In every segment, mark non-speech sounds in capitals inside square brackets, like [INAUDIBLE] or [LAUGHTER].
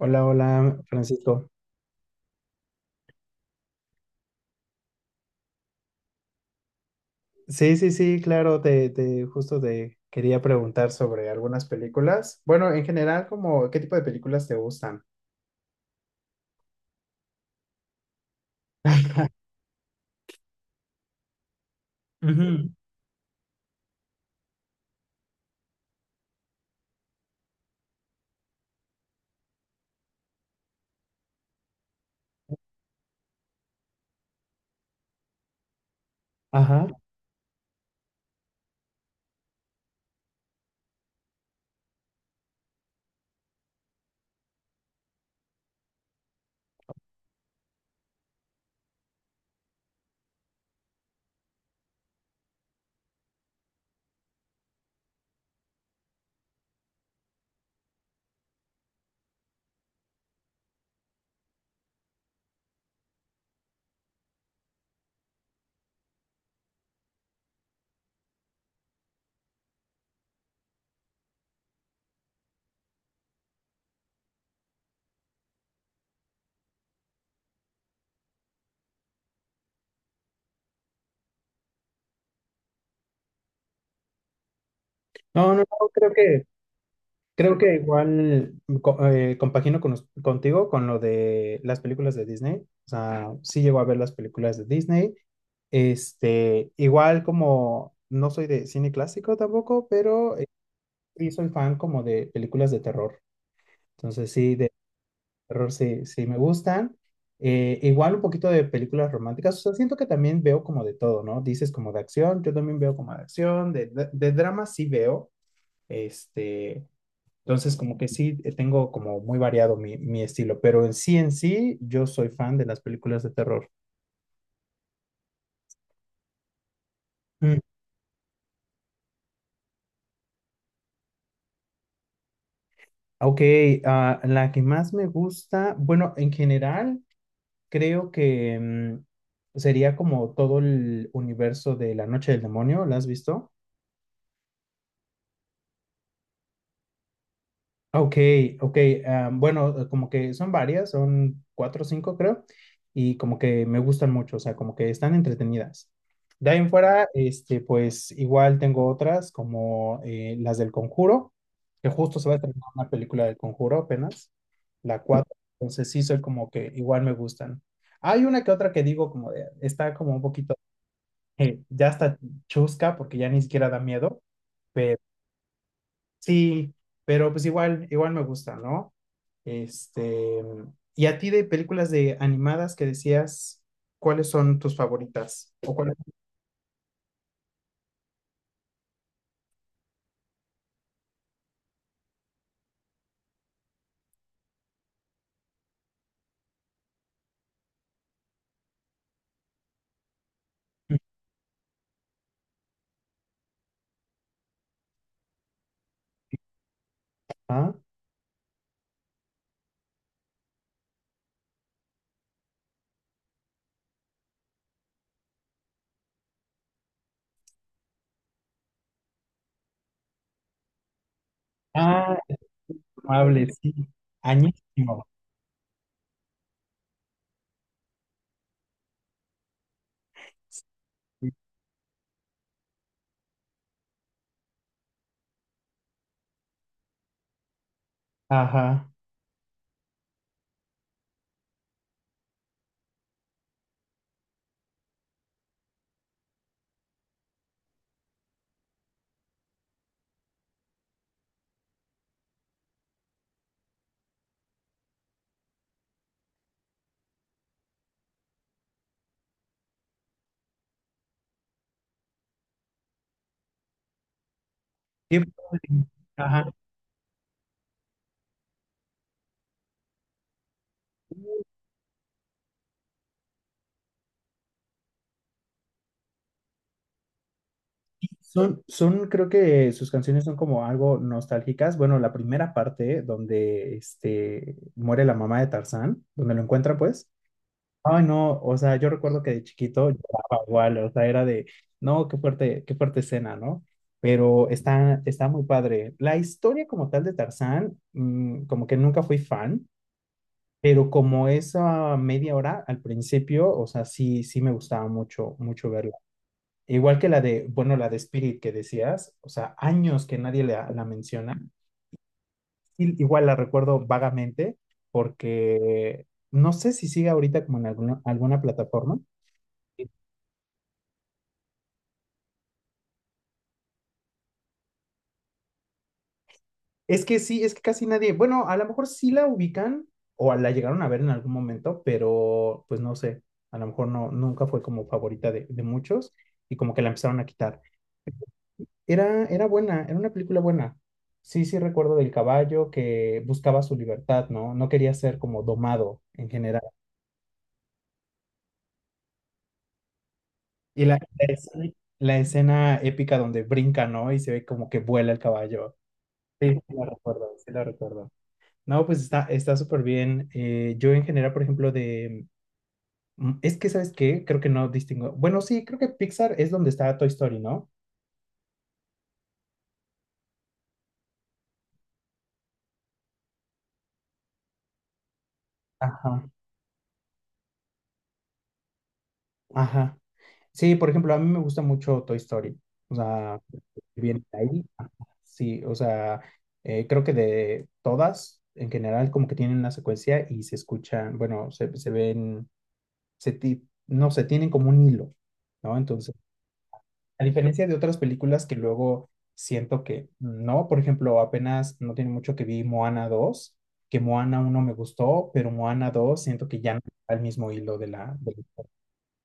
Hola, hola, Francisco. Sí, sí, sí, claro, justo te quería preguntar sobre algunas películas. Bueno, en general, como, ¿qué tipo de películas te gustan? Ujú. Ajá. No, no, no, creo que, creo que igual compagino con, contigo con lo de las películas de Disney. O sea, sí llego a ver las películas de Disney. Este, igual como no soy de cine clásico tampoco, pero sí soy fan como de películas de terror. Entonces sí. de Terror sí, sí me gustan. Igual un poquito de películas románticas. O sea, siento que también veo como de todo, ¿no? Dices como de acción, yo también veo como de acción, de, de drama sí veo. Este, entonces como que sí, tengo como muy variado mi estilo, pero en sí, en sí, yo soy fan de las películas de terror. Mm. Ok, ah, la que más me gusta, bueno, en general creo que sería como todo el universo de La Noche del Demonio. ¿La has visto? Ok, ok. Ah, bueno, como que son varias, son cuatro o cinco creo, y como que me gustan mucho, o sea, como que están entretenidas. De ahí en fuera, este, pues igual tengo otras como las del Conjuro, que justo se va a estrenar una película del Conjuro apenas, la cuatro, entonces sí, soy como que igual me gustan. Hay una que otra que digo como de, está como un poquito, ya está chusca porque ya ni siquiera da miedo. Sí, pero pues igual, me gusta, ¿no? Este, y a ti de películas de animadas que decías, ¿cuáles son tus favoritas? ¿O cuáles? Ah, ah, amable, sí. Añísimo. Ajá. Sí. Ajá. Creo que sus canciones son como algo nostálgicas. Bueno, la primera parte donde este, muere la mamá de Tarzán, donde lo encuentra, pues. Ay, no, o sea, yo recuerdo que de chiquito lloraba igual, o sea, era de, no, qué fuerte escena, ¿no? Pero está muy padre. La historia como tal de Tarzán, como que nunca fui fan, pero como esa media hora al principio, o sea, sí, sí me gustaba mucho, mucho verla. Igual que la de, bueno, la de Spirit que decías, o sea, años que nadie la menciona, igual la recuerdo vagamente, porque no sé si sigue ahorita como en alguna plataforma. Es que sí, es que casi nadie, bueno, a lo mejor sí la ubican o la llegaron a ver en algún momento, pero pues no sé, a lo mejor no, nunca fue como favorita de muchos, y como que la empezaron a quitar. Era buena, era una película buena. Sí, sí recuerdo del caballo que buscaba su libertad, ¿no? No quería ser como domado en general. Y la escena épica donde brinca, ¿no? Y se ve como que vuela el caballo. Sí, sí la recuerdo, sí la recuerdo. No, pues está súper bien. Yo en general, por ejemplo, es que, ¿sabes qué? Creo que no distingo. Bueno, sí, creo que Pixar es donde está Toy Story, ¿no? Ajá. Ajá. Sí, por ejemplo, a mí me gusta mucho Toy Story. O sea, viene de ahí. Ajá. Sí, o sea, creo que de todas, en general, como que tienen una secuencia y se escuchan, bueno, se ven, no sé, tienen como un hilo, ¿no? Entonces, a diferencia de otras películas que luego siento que no, por ejemplo, apenas no tiene mucho que vi Moana dos, que Moana uno me gustó, pero Moana dos siento que ya no está el mismo hilo.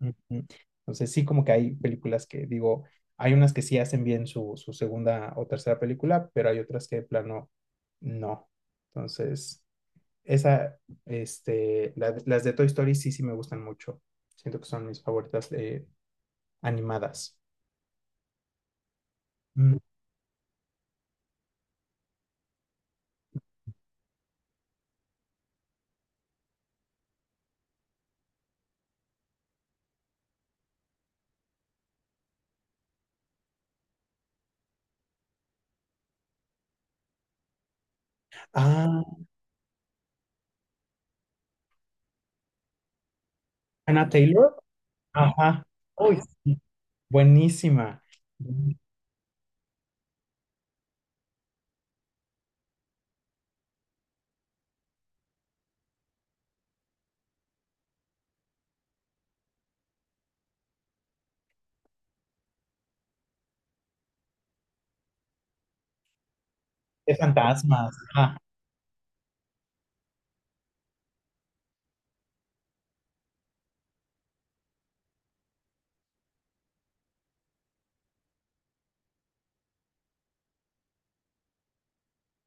Ujú. Entonces sí, como que hay películas que digo, hay unas que sí hacen bien su segunda o tercera película, pero hay otras que de plano no. Entonces, esa, las de Toy Story sí, sí me gustan mucho. Siento que son mis favoritas, animadas. Mm. Ah, Anna Taylor, ajá, uy, sí, buenísima, de fantasmas, ajá.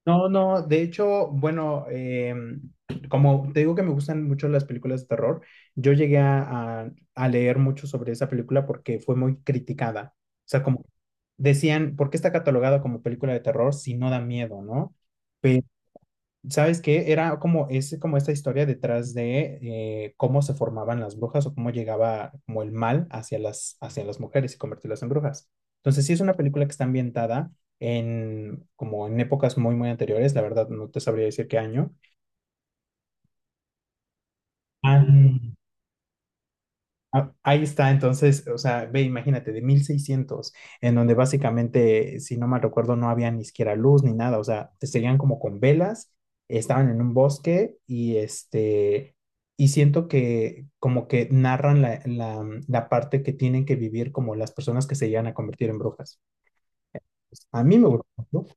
No, no, de hecho, bueno, como te digo que me gustan mucho las películas de terror, yo llegué a leer mucho sobre esa película porque fue muy criticada, o sea, como decían, ¿por qué está catalogada como película de terror si no da miedo, no? ¿Sabes qué? Era como, es como esta historia detrás de cómo se formaban las brujas o cómo llegaba como el mal hacia hacia las mujeres y convertirlas en brujas. Entonces, sí, es una película que está ambientada en como en épocas muy, muy anteriores. La verdad, no te sabría decir qué año. Ah. Ah, ahí está, entonces, o sea, ve, imagínate, de 1600, en donde básicamente, si no mal recuerdo, no había ni siquiera luz ni nada, o sea, te seguían como con velas, estaban en un bosque y este, y siento que como que narran la parte que tienen que vivir como las personas que se llegan a convertir en brujas. A mí me gustó.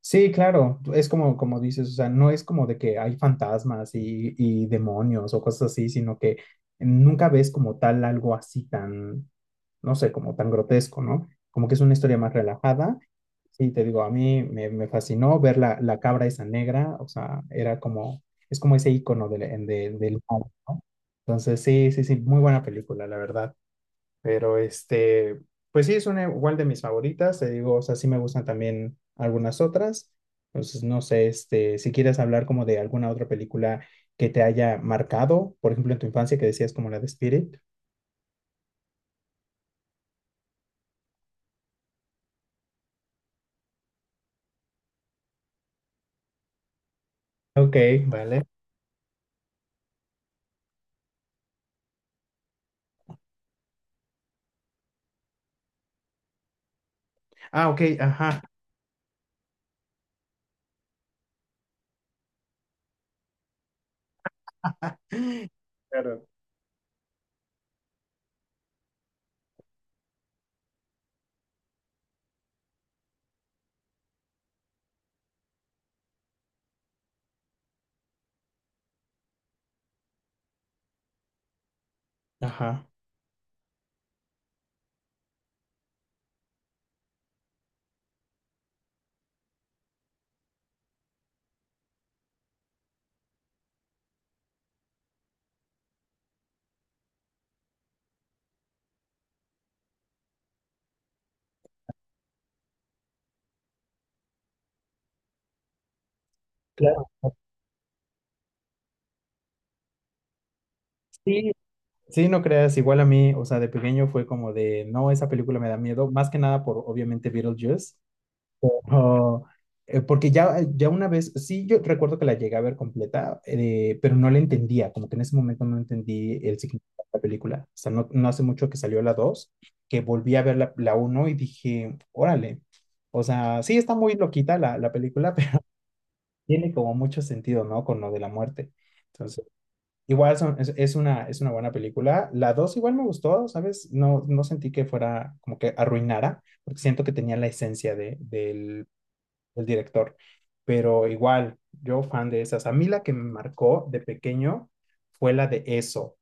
Sí, claro, es como, como dices, o sea, no es como de que hay fantasmas y demonios o cosas así, sino que nunca ves como tal algo así tan, no sé, como tan grotesco, ¿no? Como que es una historia más relajada. Sí, te digo, a mí me fascinó ver la cabra esa negra, o sea, era como, es como ese icono del mal, ¿no? Entonces, sí, sí, sí, muy buena película, la verdad. Pero este, pues sí, es una igual de mis favoritas, te digo, o sea, sí me gustan también algunas otras. Entonces, no sé, este, si quieres hablar como de alguna otra película que te haya marcado, por ejemplo, en tu infancia que decías como la de Spirit. Ok, vale. Ah, ok, ajá. [LAUGHS] Claro. Ajá. Claro. Sí, sí, no creas, igual a mí, o sea, de pequeño fue como de, no, esa película me da miedo, más que nada por obviamente Beetlejuice. Ojo. Porque ya, ya una vez, sí, yo recuerdo que la llegué a ver completa, pero no la entendía, como que en ese momento no entendí el significado de la película. O sea, no, no hace mucho que salió la dos, que volví a ver la uno y dije, órale, o sea, sí está muy loquita la película, [LAUGHS] pero tiene como mucho sentido, ¿no? Con lo de la muerte. Entonces, igual es una buena película. La 2 igual me gustó, ¿sabes? No, no sentí que fuera como que arruinara, porque siento que tenía la esencia de, del el director. Pero igual, yo fan de esas. A mí la que me marcó de pequeño fue la de Eso.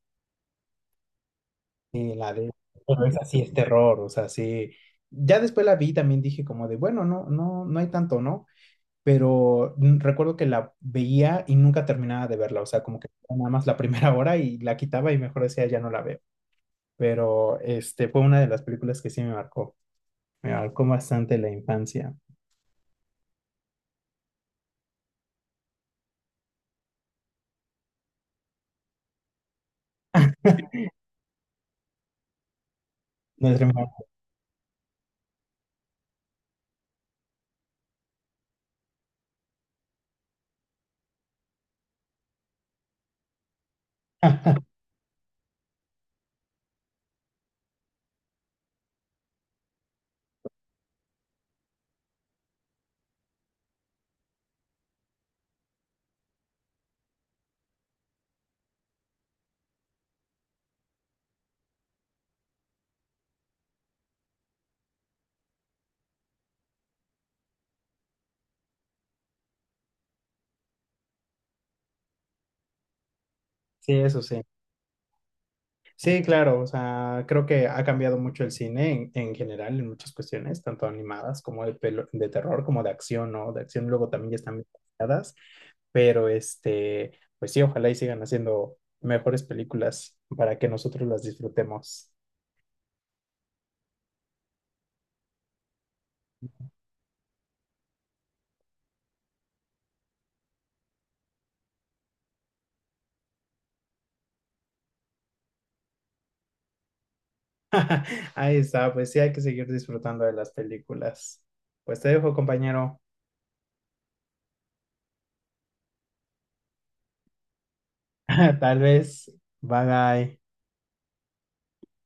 Y la de... Pero es así, es terror, o sea, sí. Ya después la vi, también dije como de, bueno, no, no, no hay tanto, ¿no? Pero recuerdo que la veía y nunca terminaba de verla, o sea, como que nada más la [LAUGHS] primera hora y la quitaba y mejor decía, ya no la veo. Pero este fue una de las películas que sí me marcó bastante la infancia. Nuestra [LAUGHS] infancia. Sí, eso sí. Sí, claro, o sea, creo que ha cambiado mucho el cine en, general, en muchas cuestiones, tanto animadas como de terror, como de acción, ¿no? De acción luego también ya están bien animadas, pero este, pues sí, ojalá y sigan haciendo mejores películas para que nosotros las disfrutemos. [LAUGHS] Ahí está, pues sí, hay que seguir disfrutando de las películas. Pues te dejo, compañero. [LAUGHS] Tal vez. Bye bye.